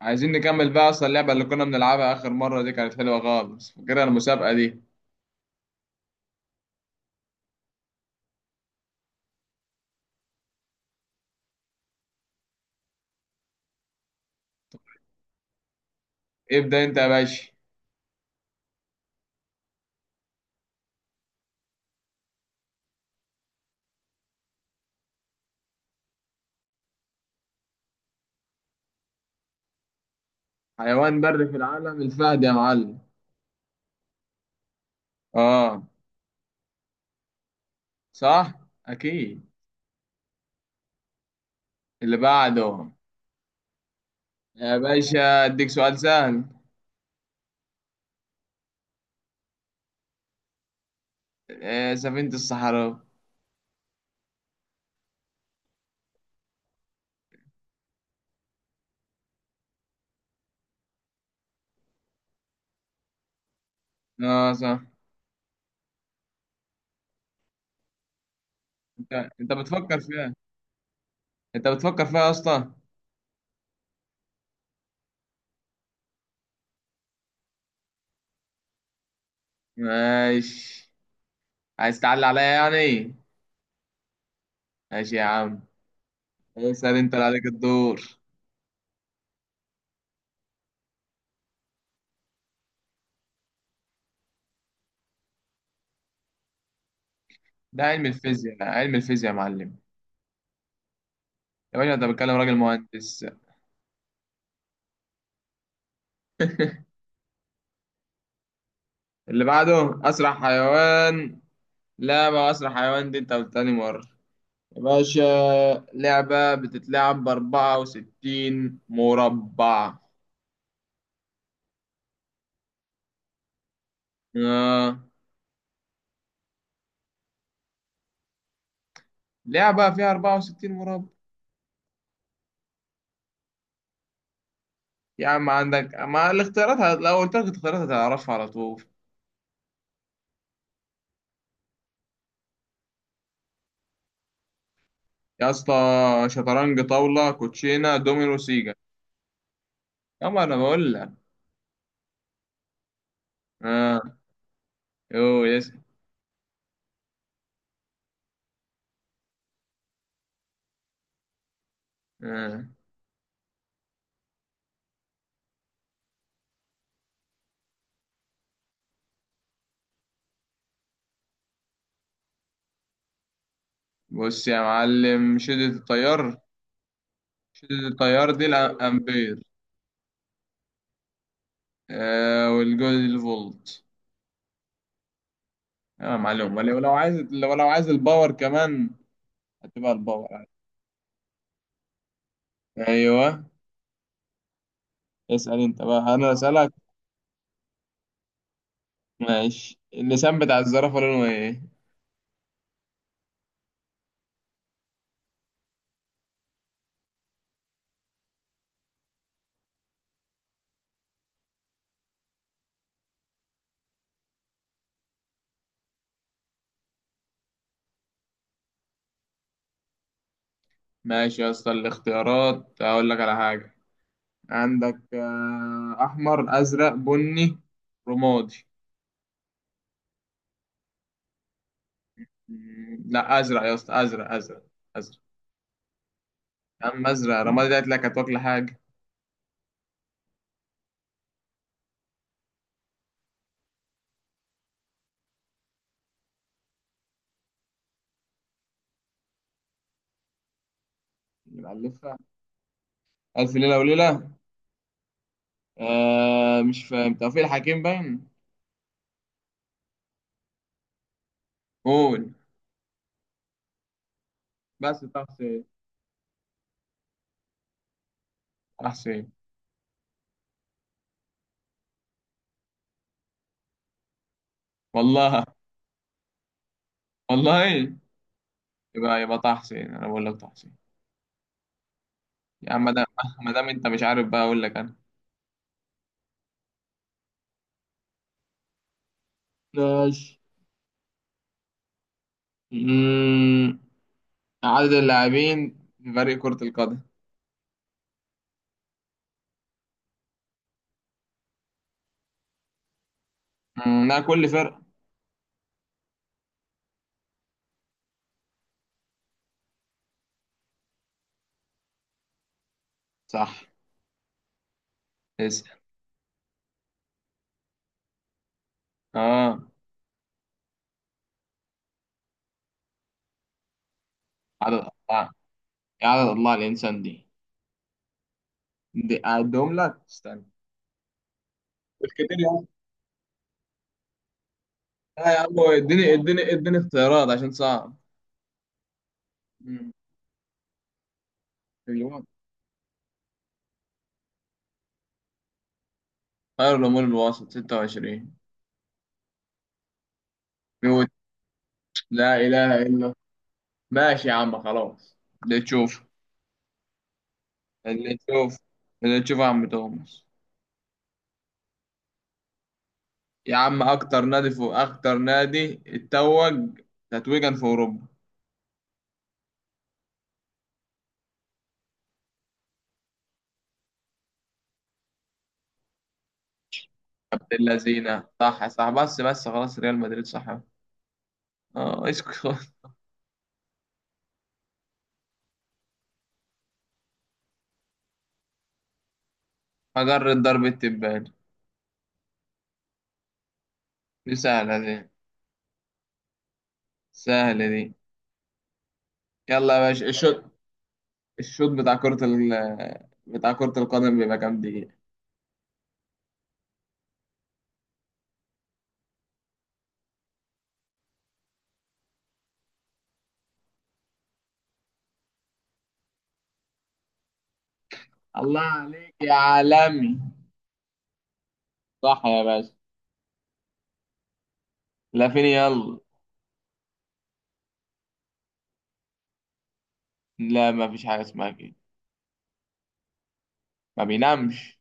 عايزين نكمل بقى اصلا اللعبة اللي كنا بنلعبها اخر مرة، دي كانت حلوة خالص، فاكرها المسابقة دي. ابدأ انت يا باشا. حيوان بري في العالم، الفهد يا معلم. اه، صح. اكيد. اللي بعده. يا باشا اديك سؤال سهل. آه، سفينة الصحراء. اه، صح. انت انت بتفكر فيها. انت بتفكر فيها يا اسطى. ماشي. عايز تعلي عليا يعني. ماشي يا عم. اسأل، انت اللي عليك الدور. ده علم الفيزياء، علم الفيزياء يا معلم. يا باشا انت بتكلم راجل مهندس. اللي بعده، اسرع حيوان. لعبة اسرع حيوان دي انت تاني مرة، يا باشا. لعبة بتتلعب ب64 مربع. آه. لعبة فيها 64 مربع. يا عم عندك، ما الاختيارات لو قلت لك الاختيارات هتعرفها على طول. يا اسطى، شطرنج، طاولة، كوتشينة، دومينو، سيجا. يا ما انا بقول لك. اه. يو يس. آه. بص يا معلم، شدة التيار. التيار دي الامبير. آه، والجول الفولت. اه معلوم، ولو لو عايز لو عايز الباور كمان. هتبقى الباور عادي. ايوه. اسال انت بقى، انا اسالك. ماشي، اللسان بتاع الزرافه لونه ايه؟ ماشي يا اسطى، الاختيارات اقول لك على حاجه. عندك احمر، ازرق، بني، رمادي. لا، ازرق يا اسطى، ازرق ازرق. ازرق. يا عم، ازرق رمادي ده قلت لك، هتاكل حاجه. يبقى ألفها. الف ليله وليله. آه، مش فاهم، توفيق الحكيم باين. قول. بس طه حسين. طه حسين. والله. والله. يبقى طه حسين، انا بقول لك طه حسين. يا عم، ما دام انت مش عارف بقى، اقول لك انا. ماشي. أمم، عدد اللاعبين في فريق كرة القدم؟ لا، كل فرقة. صح. اسأل. اه. عدد اضلاع، يا عدد اضلاع الانسان دي اعدهم لك استنى. مش كتير يا عم. لا يا عم، اديني اديني اديني اختيارات عشان صعب. أمم، خير الأمور الوسط 26. ميوت. لا إله إلا. ماشي يا عم، خلاص. اللي تشوف. اللي تشوف. اللي تشوف يا عم توماس. يا عم، أكتر نادي اتوج تتويجا في أوروبا؟ اللذينة، صح صح، بس بس خلاص، ريال مدريد. صح. اه، اسكت خلاص. مجرة ضرب التبان. دي سهلة دي. سهلة دي. يلا يا باشا، الشوط. الشوط بتاع كرة القدم بيبقى كام دقيقة؟ الله عليك يا عالمي. صح يا باشا. لا، فين، يلا. لا ما فيش حاجة اسمها كده. ما بينامش؟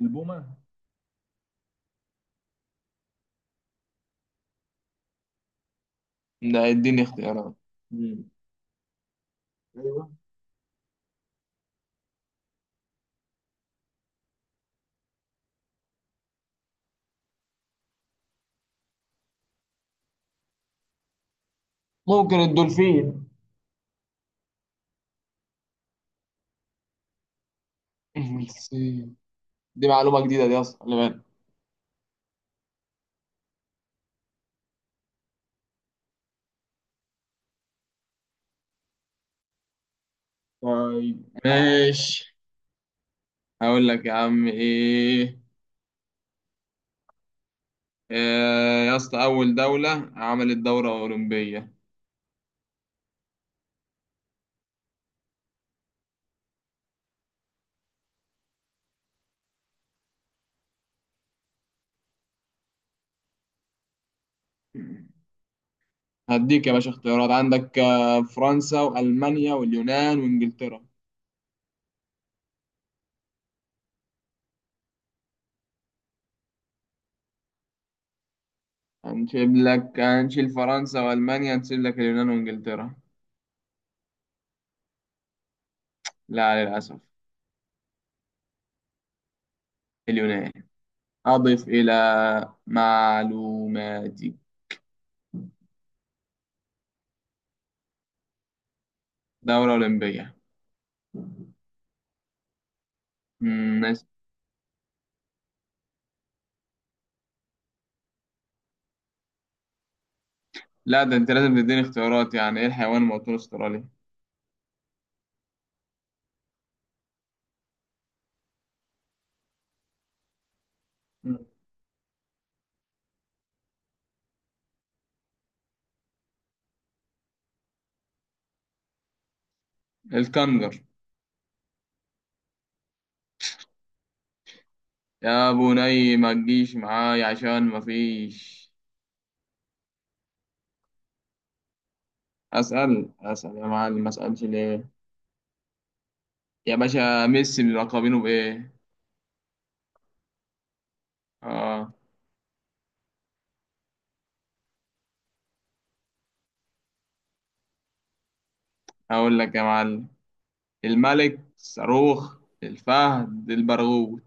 البومة. لا، اديني اختيارات. مم. ايوه. ممكن الدولفين. السين. دي معلومة جديدة دي اصلا، خلي بالك. طيب ماشي. هقول لك يا عم ايه، يا اسطى اول دولة عملت دورة اولمبية. هديك يا باشا اختيارات، عندك فرنسا والمانيا واليونان وانجلترا. هنشيل لك، هنشيل فرنسا والمانيا، هنسيب لك اليونان وانجلترا. لا، للأسف. اليونان. أضف إلى معلوماتي، دورة أولمبية. ماشي. لا، ده أنت لازم تديني اختيارات، يعني إيه الحيوان الموطن الأسترالي؟ مم. الكنجر. يا بني ما تجيش معاي عشان ما فيش. أسأل أسأل يا معلم، ما أسألش ليه. يا باشا، ميسي بيلقبينه بإيه؟ آه. هقول لك يا معلم، الملك، الصاروخ، الفهد، البرغوث.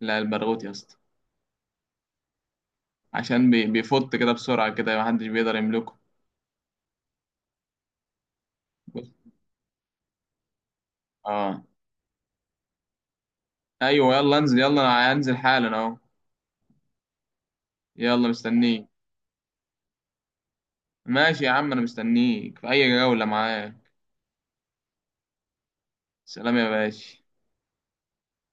لا، البرغوث يا اسطى. عشان بيفط كده بسرعة، كده محدش بيقدر يملكه. بس- اه. ايوه، يلا انزل، يلا انا هنزل حالا اهو. يلا مستنيك. ماشي يا عم، انا مستنيك في اي جولة معاك. سلام يا باشا.